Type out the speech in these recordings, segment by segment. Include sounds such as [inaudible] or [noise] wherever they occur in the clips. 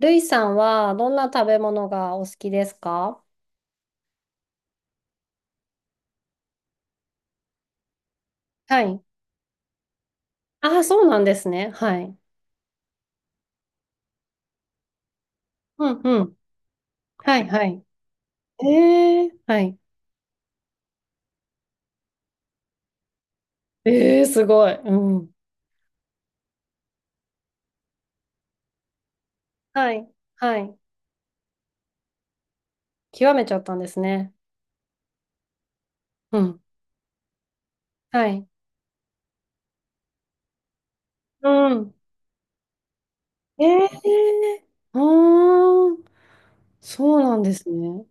ルイさんはどんな食べ物がお好きですか？はい。ああ、そうなんですね。はい。うんうん。はい、はい。ええ、はい。ええ、すごい。うん。はい、はい。極めちゃったんですね。うん。はい。うん。ええ、うーん。そうなんですね。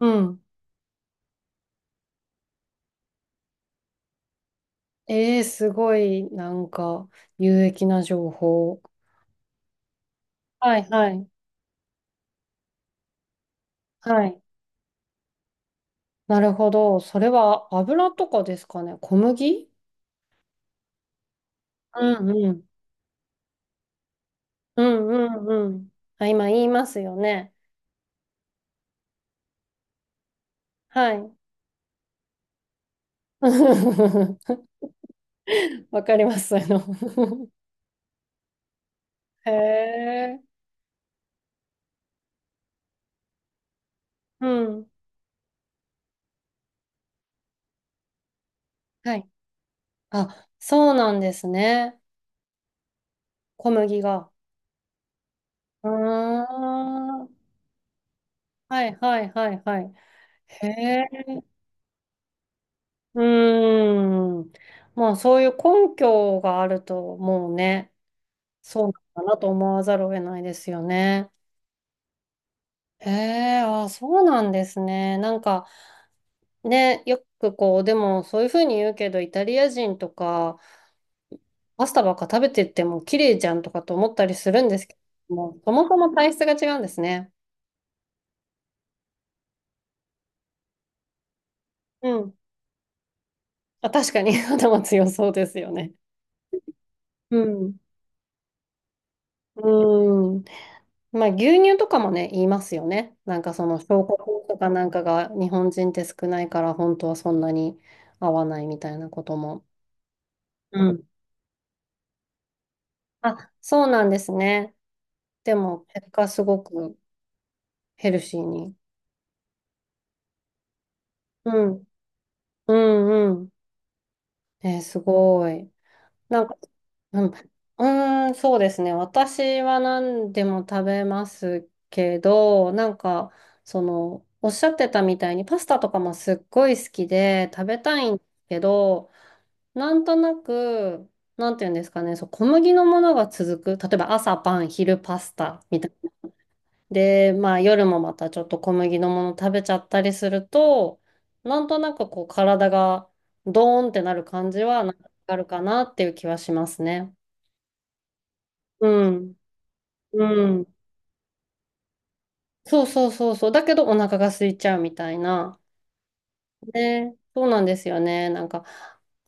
うん。ええ、すごい、なんか、有益な情報。はい、はい。はい。なるほど。それは油とかですかね。小麦。うんうん。うんうんうん。あ、今言いますよね。はい。[laughs] わかります。そういうの。 [laughs] へえ。うん。はい。あ、そうなんですね。小麦が。うーん。はいはいはいはい。へえ。うーん。まあそういう根拠があるともうね、そうなのかなと思わざるを得ないですよね。へえ、あ、そうなんですね。なんか、ね、よくこう、でもそういうふうに言うけど、イタリア人とか、パスタばっか食べてっても綺麗じゃんとかと思ったりするんですけども、そもそも体質が違うんですね。うん。あ、確かに。 [laughs] 頭強そうですよね。うん。うん。まあ、牛乳とかもね、言いますよね。なんかその、消化法とかなんかが日本人って少ないから、本当はそんなに合わないみたいなことも。うん。あ、そうなんですね。でも、結果すごくヘルシーに。うん。うんうん。え、すごい。なんか、うん、うーん、そうですね。私は何でも食べますけど、なんか、その、おっしゃってたみたいにパスタとかもすっごい好きで食べたいんですけど、なんとなく、なんていうんですかね、そう、小麦のものが続く。例えば朝パン、昼パスタみたいな。で、まあ夜もまたちょっと小麦のもの食べちゃったりすると、なんとなくこう体がドーンってなる感じはなんかあるかなっていう気はしますね。うん。うん。そうそうそうそう。だけどお腹が空いちゃうみたいな。ね、そうなんですよね。なんか、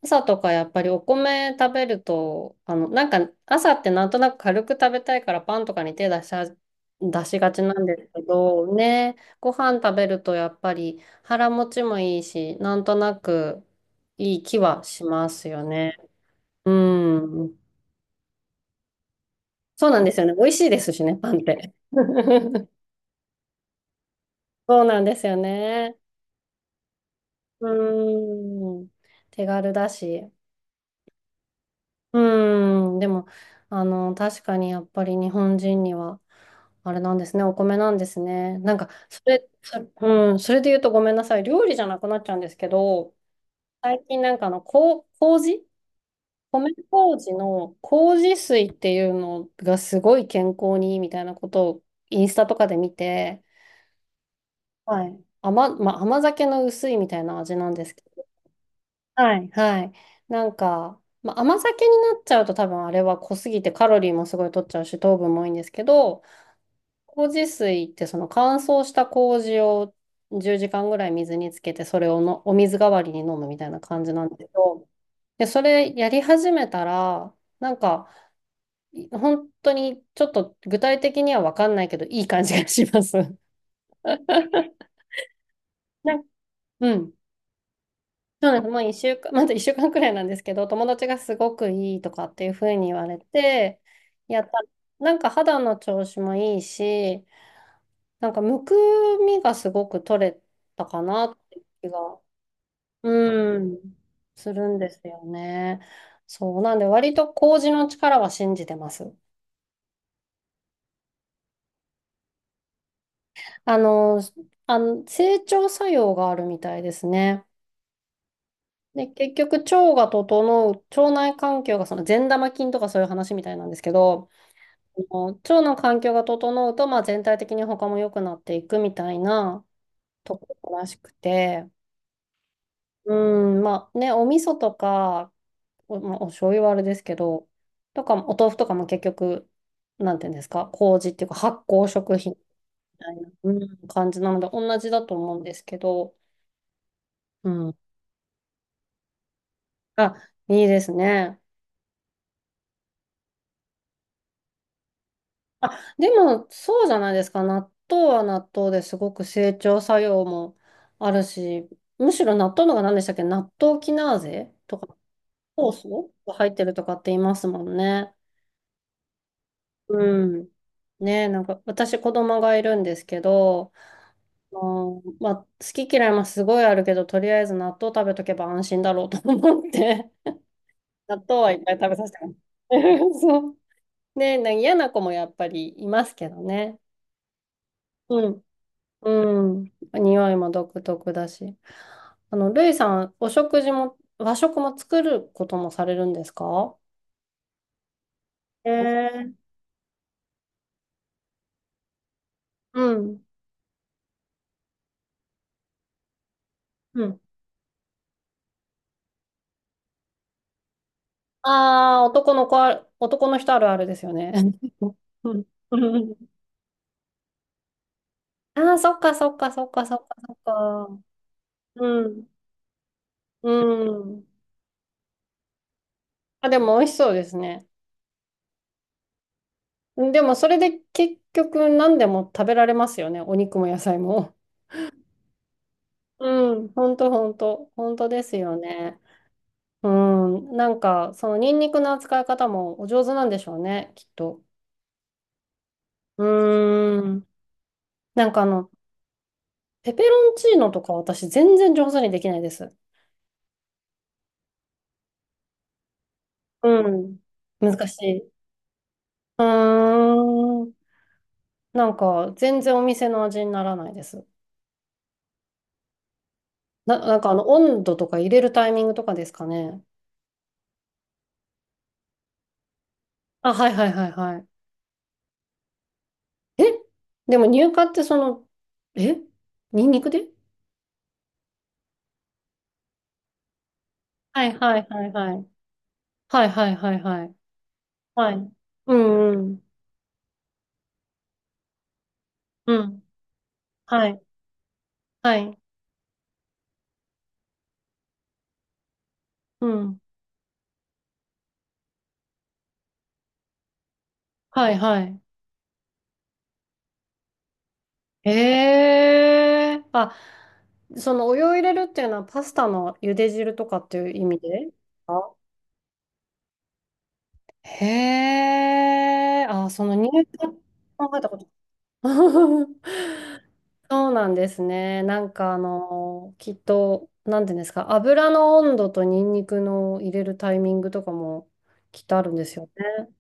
朝とかやっぱりお米食べると、なんか朝ってなんとなく軽く食べたいからパンとかに手出しちゃ出しがちなんですけど、ね、ご飯食べるとやっぱり腹持ちもいいし、なんとなくいい気はしますよね。うん。そうなんですよね。美味しいですしね、パンって。[laughs] そうなんですよね。うん。手軽だし。うーん、でも、確かにやっぱり日本人には、あれなんですね、お米なんですね。なんか、それ、そ、うん、それで言うとごめんなさい、料理じゃなくなっちゃうんですけど、最近なんか米麹の麹水っていうのがすごい健康にいいみたいなことをインスタとかで見て、はい。まあ、甘酒の薄いみたいな味なんですけど、はいはい。なんか、まあ、甘酒になっちゃうと多分あれは濃すぎてカロリーもすごい取っちゃうし糖分も多いんですけど、麹水ってその乾燥した麹を10時間ぐらい水につけてそれをのお水代わりに飲むみたいな感じなんですけど、で、それやり始めたら、なんか本当にちょっと具体的には分かんないけどいい感じがします。[laughs] なんうん。そうなんです。もう一週間、[laughs] まだ一週間くらいなんですけど、友達がすごくいいとかっていうふうに言われて、やった。なんか肌の調子もいいし、なんかむくみがすごく取れたかなって気が、うん、するんですよね。そう。なんで割と麹の力は信じてます。あの、整腸作用があるみたいですね。で、結局腸が整う、腸内環境がその善玉菌とかそういう話みたいなんですけど、腸の環境が整うと、まあ、全体的に他も良くなっていくみたいなところらしくて、うん、まあね、お味噌とか、まあ、お醤油はあれですけど、とか、お豆腐とかも結局、なんていうんですか、麹っていうか発酵食品みたいな、うん、感じなので、同じだと思うんですけど、うん。あ、いいですね。あ、でも、そうじゃないですか。納豆は納豆ですごく整腸作用もあるし、むしろ納豆のが何でしたっけ、納豆キナーゼとか、酵素が入ってるとかって言いますもんね。うん。ねえ、なんか、私子供がいるんですけど、まあ、好き嫌いもすごいあるけど、とりあえず納豆食べとけば安心だろうと思って、[laughs] 納豆はいっぱい食べさせてます。[laughs] そう。ねえ、なんか嫌な子もやっぱりいますけどね。うんうん。匂いも独特だし。ルイさん、お食事も、和食も作ることもされるんですか？えー、うん。うん。ああ、男の人あるあるですよね。[laughs] うんうん、ああー、そっかそっかそっかそっかそっか。うん。うん。あ、でも美味しそうですね。でもそれで結局何でも食べられますよね。お肉も野菜も。うん。ほんとほんと。ほんとですよね。うん、なんか、そのニンニクの扱い方もお上手なんでしょうね、きっと。うーん。なんかペペロンチーノとか私全然上手にできないです。うん。難しい。うーん。なんか、全然お店の味にならないです。なんか温度とか入れるタイミングとかですかね。あ、はいはいはいはい。えでも乳化ってその、えニンニクで、はいはいはいはい。はいはいはいはい。はい。うんうん。うん、はい、はい、うん、はい、はい。へえ、あ、そのお湯を入れるっていうのはパスタの茹で汁とかっていう意味で？へえ、あ、その入管考えたこと。[laughs] そうなんですね。なんかきっと、なんていうんですか、油の温度とニンニクの入れるタイミングとかもきっとあるんですよね。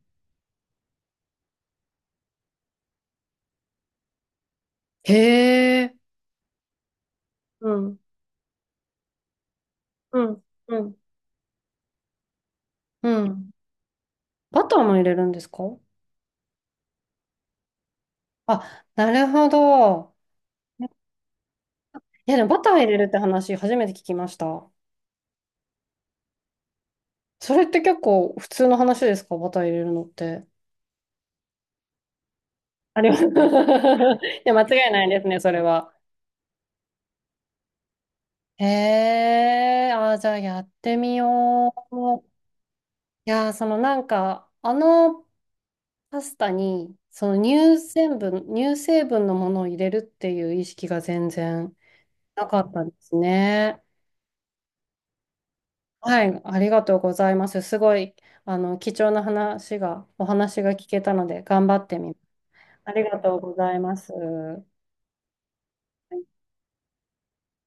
へえ、うん、うん、うん、うん。バターも入れるんですか？あ、なるほど。いや、でもバター入れるって話、初めて聞きました。それって結構普通の話ですか？バター入れるのって。あります。[laughs] いや、間違いないですね、それは。へえ、あー、じゃあやってみよう。いやー、そのなんか、パスタに、その乳成分のものを入れるっていう意識が全然なかったですね。はい、ありがとうございます。すごい、あの、貴重な話が、お話が聞けたので、頑張ってみます。ありがとうございます。